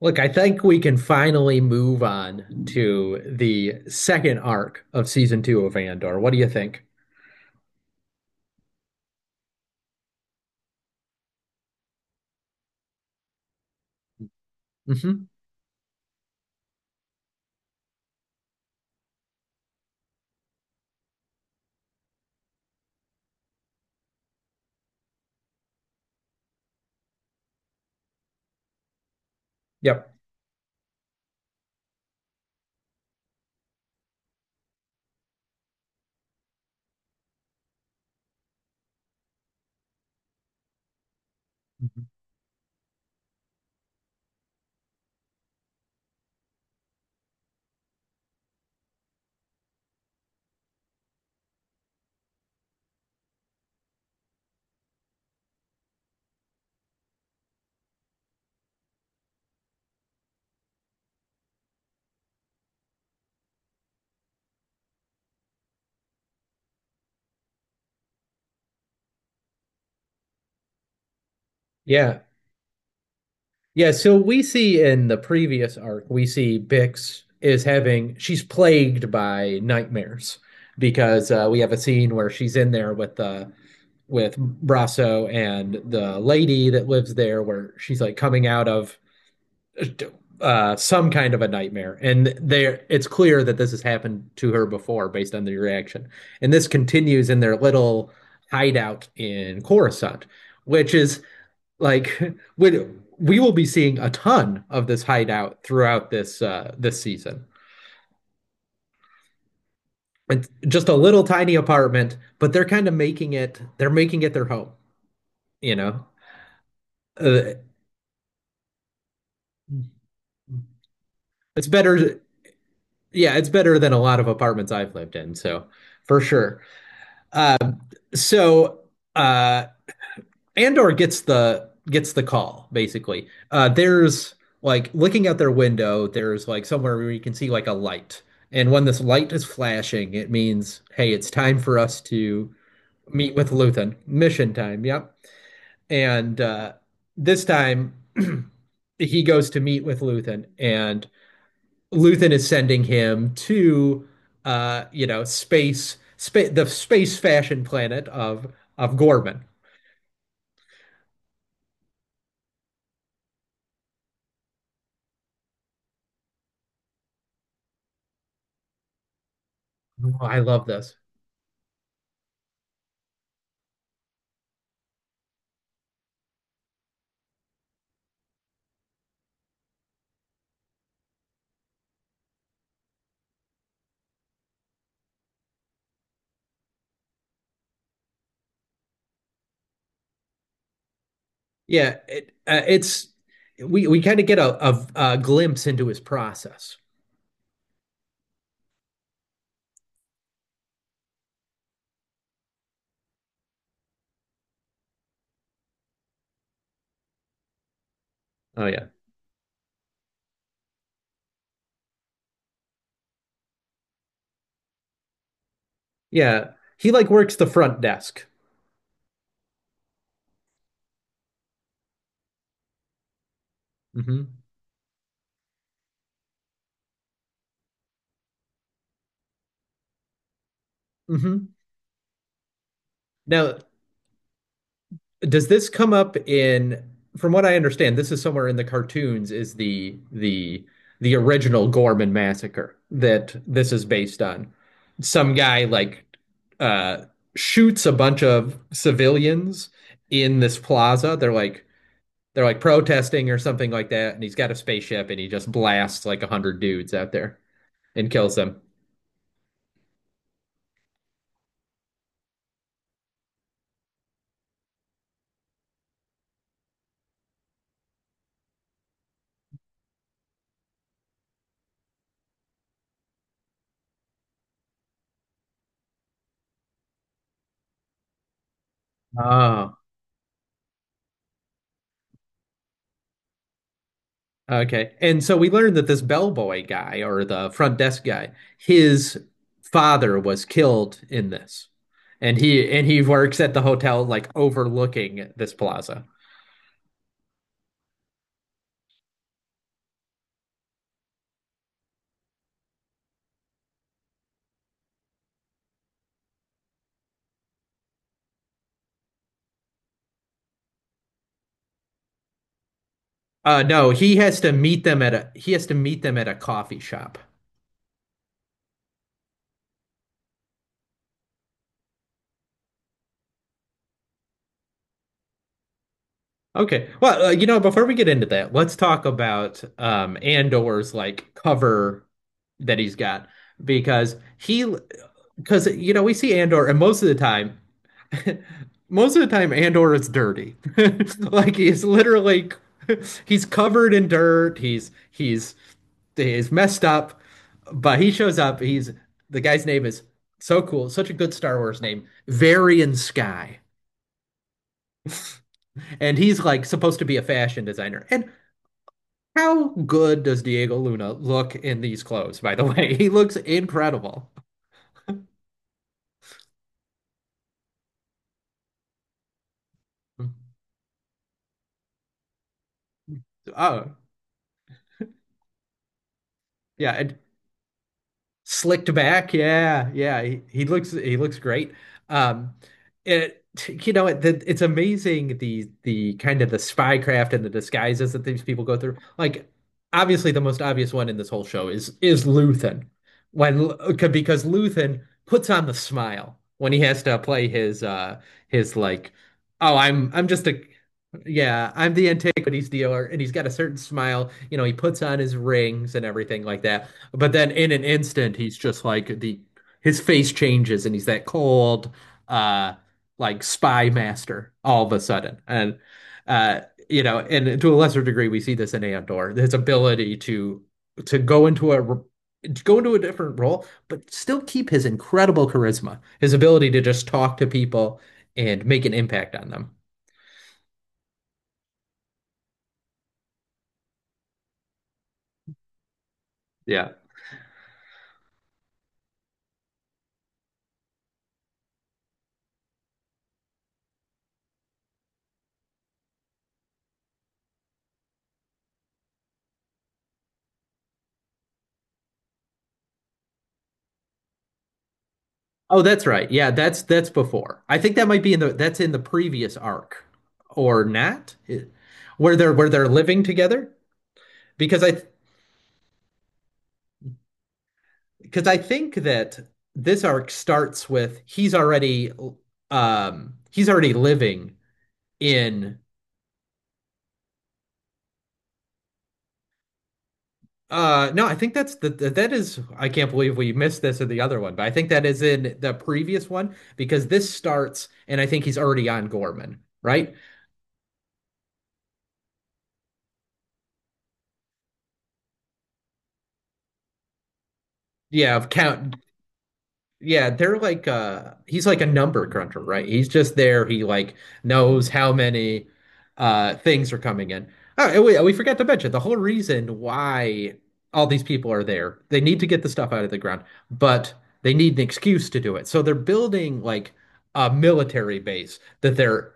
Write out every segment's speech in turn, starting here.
Look, I think we can finally move on to the second arc of season two of Andor. What do you think? Hmm. Yep. Mhm. Yeah. Yeah. So we see in the previous arc, we see Bix is having, she's plagued by nightmares because we have a scene where she's in there with Brasso and the lady that lives there, where she's like coming out of some kind of a nightmare, and there it's clear that this has happened to her before based on the reaction, and this continues in their little hideout in Coruscant, which is like we we will be seeing a ton of this hideout throughout this this season. It's just a little tiny apartment, but they're kind of making it, they're making it their home, you know. Uh, It's better, yeah, it's better than a lot of apartments I've lived in, so for sure. Uh, so uh, Andor gets the call basically. There's like looking out their window, there's like somewhere where you can see like a light, and when this light is flashing, it means hey, it's time for us to meet with Luthen. Mission time, yep. And this time he goes to meet with Luthen, and Luthen is sending him to you know space spa the space fashion planet of Gorman. Oh, I love this. Yeah, it, it's we kind of get a glimpse into his process. Oh yeah. Yeah, he like works the front desk. Hmm. Hmm. Now, does this come up in, from what I understand, this is somewhere in the cartoons, is the original Gorman massacre that this is based on. Some guy like uh shoots a bunch of civilians in this plaza. They're like protesting or something like that, and he's got a spaceship and he just blasts like a hundred dudes out there and kills them. Ah, okay. And so we learned that this bellboy guy or the front desk guy, his father was killed in this. And he works at the hotel like overlooking this plaza. No, he has to meet them at a he has to meet them at a coffee shop. Okay. Well, you know, before we get into that, let's talk about Andor's like cover that he's got because he because you know, we see Andor and most of the time most of the time, Andor is dirty. Like he's literally he's covered in dirt. He's he's messed up, but he shows up. He's the guy's name is so cool, such a good Star Wars name, Varian Sky. And he's like supposed to be a fashion designer. And how good does Diego Luna look in these clothes, by the way? He looks incredible. Oh, yeah. And slicked back, yeah, yeah. He looks great. Um, it you know it, it's amazing the kind of the spycraft and the disguises that these people go through. Like obviously the most obvious one in this whole show is Luthen when because Luthen puts on the smile when he has to play his like oh I'm just a yeah, I'm the antiquities dealer, and he's got a certain smile. You know, he puts on his rings and everything like that. But then in an instant, he's just like the his face changes and he's that cold, uh, like spy master all of a sudden. And uh, you know, and to a lesser degree, we see this in Andor, his ability to go into a r- to go into a different role, but still keep his incredible charisma, his ability to just talk to people and make an impact on them. Yeah. Oh, that's right. Yeah, that's before. I think that might be in the that's in the previous arc or not, where they're living together. Because I because I think that this arc starts with he's already living in no, I think that's the that is I can't believe we missed this in the other one, but I think that is in the previous one because this starts and I think he's already on Gorman, right? Yeah, of Count. Yeah, they're like he's like a number cruncher, right? He's just there. He like knows how many things are coming in. Oh, and we forgot to mention the whole reason why all these people are there. They need to get the stuff out of the ground, but they need an excuse to do it. So they're building like a military base that they're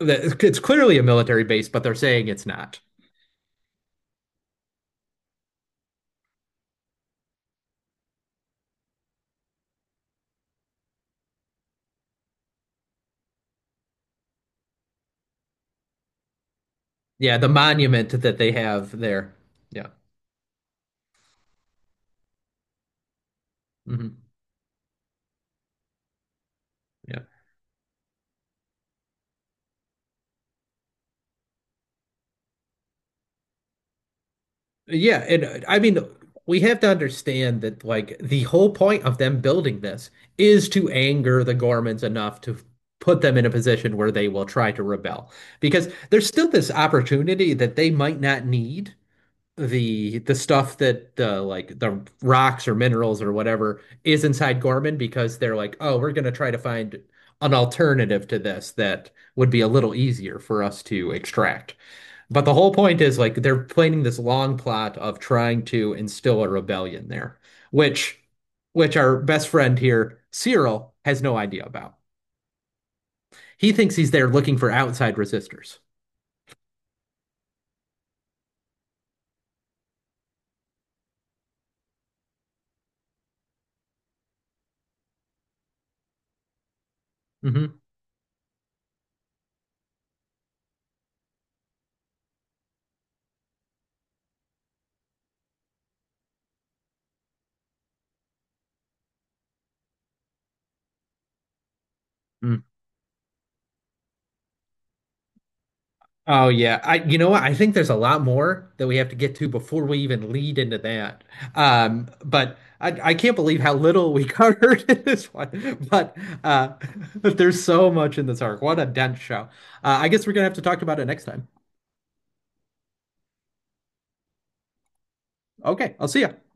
that it's clearly a military base, but they're saying it's not. Yeah, the monument that they have there. Yeah. Hmm. Yeah. Yeah, and I mean we have to understand that like the whole point of them building this is to anger the Gormans enough to put them in a position where they will try to rebel. Because there's still this opportunity that they might not need the stuff that the like the rocks or minerals or whatever is inside Gorman because they're like, oh, we're gonna try to find an alternative to this that would be a little easier for us to extract. But the whole point is like they're planning this long plot of trying to instill a rebellion there, which which our best friend here, Cyril, has no idea about. He thinks he's there looking for outside resistors. Hmm. Oh yeah, I you know what? I think there's a lot more that we have to get to before we even lead into that. But I can't believe how little we covered in this one. But uh, there's so much in this arc. What a dense show. I guess we're gonna have to talk about it next time. Okay, I'll see you.